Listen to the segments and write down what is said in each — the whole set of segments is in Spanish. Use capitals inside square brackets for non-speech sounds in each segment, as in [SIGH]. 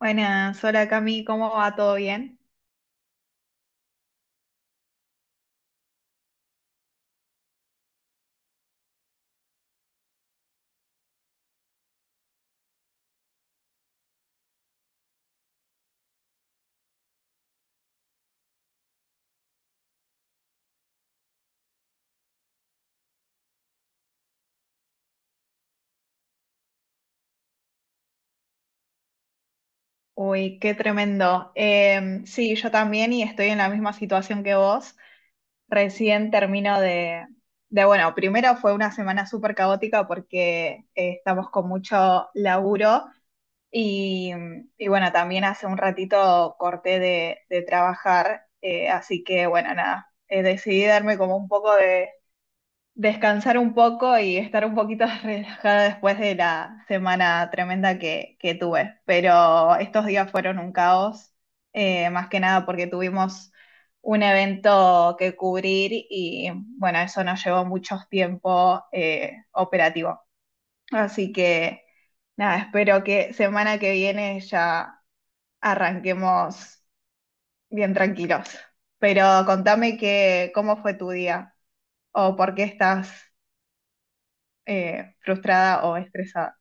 Buenas, hola Cami, ¿cómo va? ¿Todo bien? Uy, qué tremendo. Sí, yo también y estoy en la misma situación que vos. Recién termino de bueno, primero fue una semana súper caótica porque estamos con mucho laburo y, y bueno, también hace un ratito corté de trabajar, así que bueno, nada, decidí darme como un poco, descansar un poco y estar un poquito [LAUGHS] relajada después de la semana tremenda que tuve. Pero estos días fueron un caos, más que nada porque tuvimos un evento que cubrir y bueno, eso nos llevó mucho tiempo operativo. Así que nada, espero que semana que viene ya arranquemos bien tranquilos. Pero contame cómo fue tu día o por qué estás frustrada o estresada.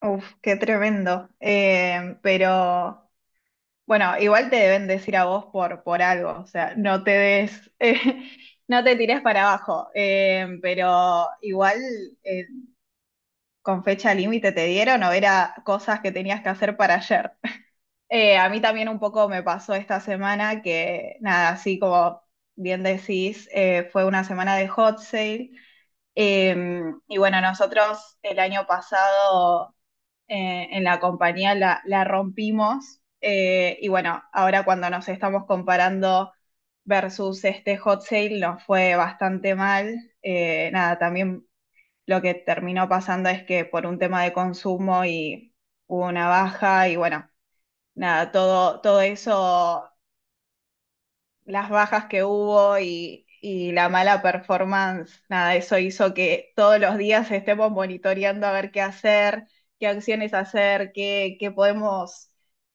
Uf, qué tremendo. Pero bueno, igual te deben decir a vos por algo, o sea, no te des, [LAUGHS] no te tires para abajo. Pero igual, eh, ¿con fecha límite te dieron o era cosas que tenías que hacer para ayer? [LAUGHS] A mí también un poco me pasó esta semana que, nada, así como bien decís, fue una semana de hot sale. Eh, y bueno, nosotros el año pasado, en la compañía la rompimos. Y bueno, ahora cuando nos estamos comparando versus este hot sale nos fue bastante mal. Nada, también lo que terminó pasando es que por un tema de consumo y hubo una baja y bueno, nada, todo eso, las bajas que hubo y la mala performance, nada, eso hizo que todos los días estemos monitoreando a ver qué hacer, qué acciones hacer, qué podemos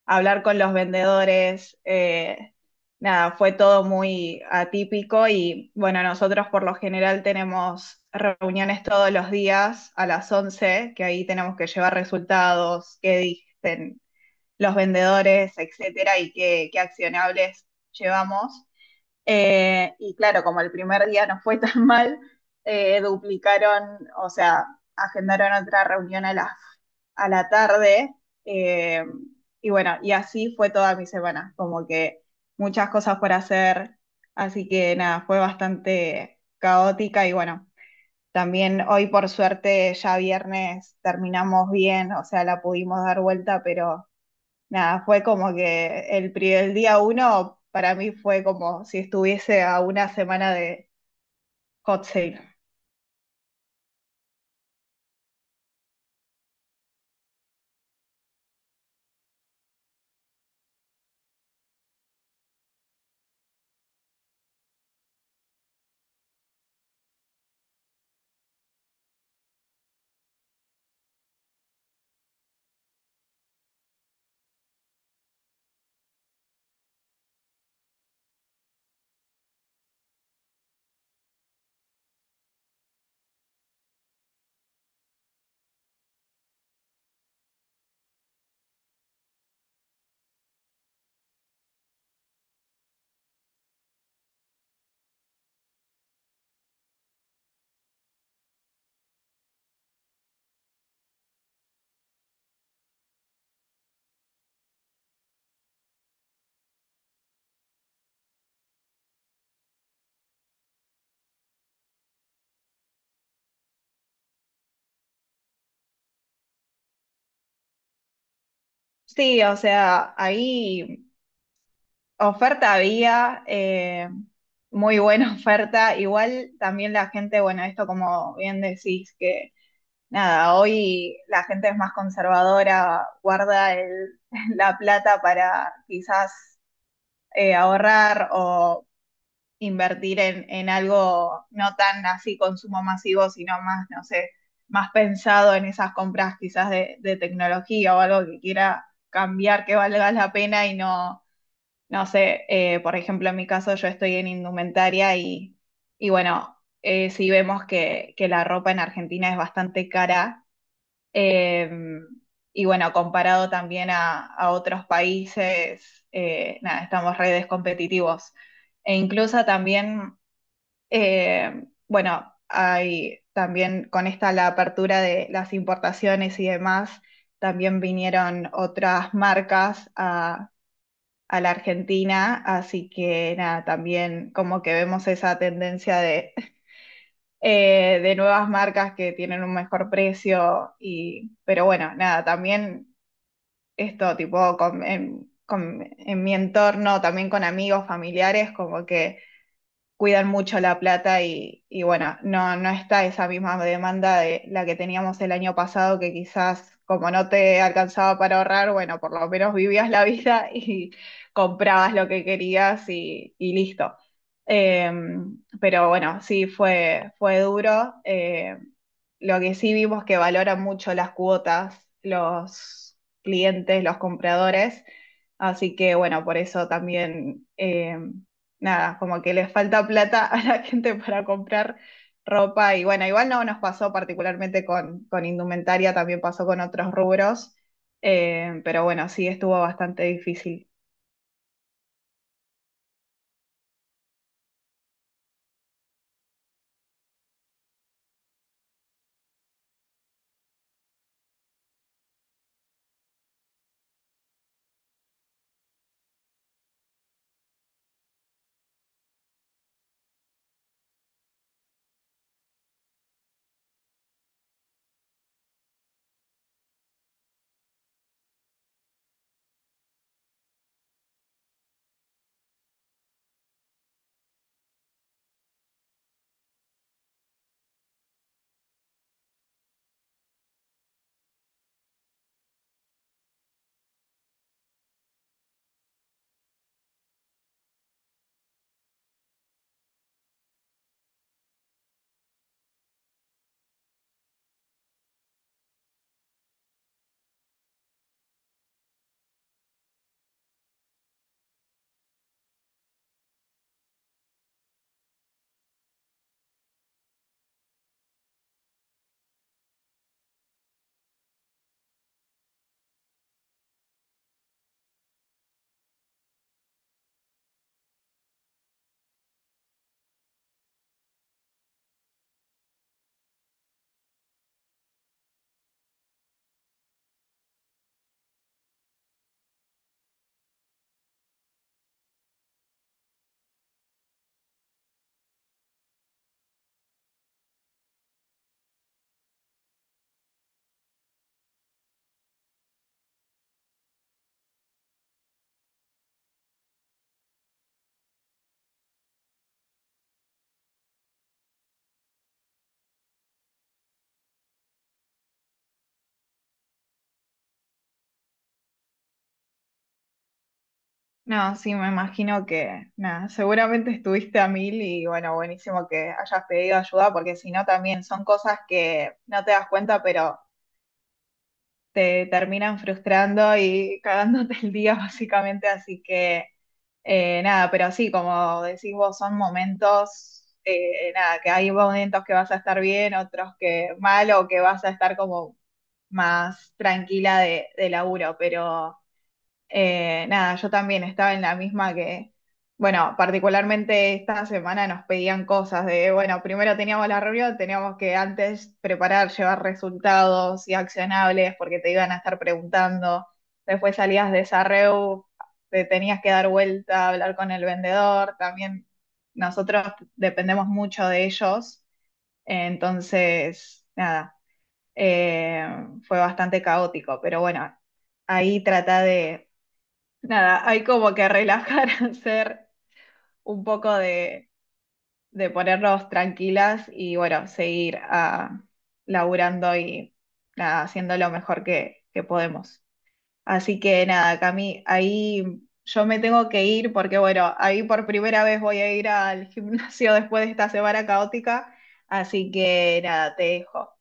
hablar con los vendedores. Nada, fue todo muy atípico y bueno, nosotros por lo general tenemos reuniones todos los días a las 11 que ahí tenemos que llevar resultados, qué dicen los vendedores, etcétera, y qué accionables llevamos. Y claro, como el primer día no fue [LAUGHS] tan mal, duplicaron, o sea, agendaron otra reunión a a la tarde. eh, y bueno, y así fue toda mi semana, como que muchas cosas por hacer. Así que nada, fue bastante caótica y bueno, también hoy por suerte ya viernes terminamos bien, o sea, la pudimos dar vuelta, pero nada, fue como que el, el día uno para mí fue como si estuviese a una semana de hot sale. Sí, o sea, ahí oferta había, muy buena [LAUGHS] oferta. Igual también la gente, bueno, esto como bien decís, que nada, hoy la gente es más conservadora, guarda [LAUGHS] la plata para quizás ahorrar o invertir en algo no tan así consumo masivo, sino más, no sé, más pensado en esas compras quizás de tecnología o algo que quiera cambiar, que valga la pena y no, no sé, por ejemplo, en mi caso yo estoy en indumentaria y bueno, sí vemos que la ropa en Argentina es bastante cara. eh, y bueno, comparado también a otros países, nada, estamos redes competitivos. E incluso también, bueno, hay también con esta la apertura de las importaciones y demás, también vinieron otras marcas a la Argentina, así que nada, también como que vemos esa tendencia de, [LAUGHS] de nuevas marcas que tienen un mejor precio y, pero bueno, nada, también esto tipo en mi entorno, también con amigos, familiares, como que cuidan mucho la plata y bueno, no está esa misma demanda de la que teníamos el año pasado, que quizás como no te alcanzaba para ahorrar, bueno, por lo menos vivías la vida y [LAUGHS] comprabas lo que querías y listo. Eh, pero bueno, sí, fue duro. Lo que sí vimos que valoran mucho las cuotas los clientes, los compradores, así que bueno, por eso también, nada, como que les falta plata a la gente para comprar ropa y bueno, igual no nos pasó particularmente con indumentaria, también pasó con otros rubros, pero bueno, sí estuvo bastante difícil. No, sí, me imagino que, nada, seguramente estuviste a mil y bueno, buenísimo que hayas pedido ayuda porque si no también son cosas que no te das cuenta, pero te terminan frustrando y [LAUGHS] cagándote el día [LAUGHS] básicamente, así que nada, pero sí, como decís vos, son momentos, nada, que hay momentos que vas a estar bien, otros que mal o que vas a estar como más tranquila de laburo, pero... Nada, yo también estaba en la misma que, bueno, particularmente esta semana nos pedían cosas de, bueno, primero teníamos la reunión, teníamos que antes preparar, llevar resultados y accionables porque te iban a estar preguntando, después salías de esa reu, te tenías que dar vuelta, hablar con el vendedor, también nosotros dependemos mucho de ellos, entonces, nada, eh, fue bastante caótico, pero bueno, ahí trata de, nada, hay como que relajar, [LAUGHS] hacer un poco de ponernos tranquilas y bueno, seguir ah, laburando y nada, haciendo lo mejor que podemos. Así que nada, Cami, ahí yo me tengo que ir porque bueno, ahí por primera vez voy a ir al gimnasio [LAUGHS] después de esta semana caótica, así que nada, te dejo.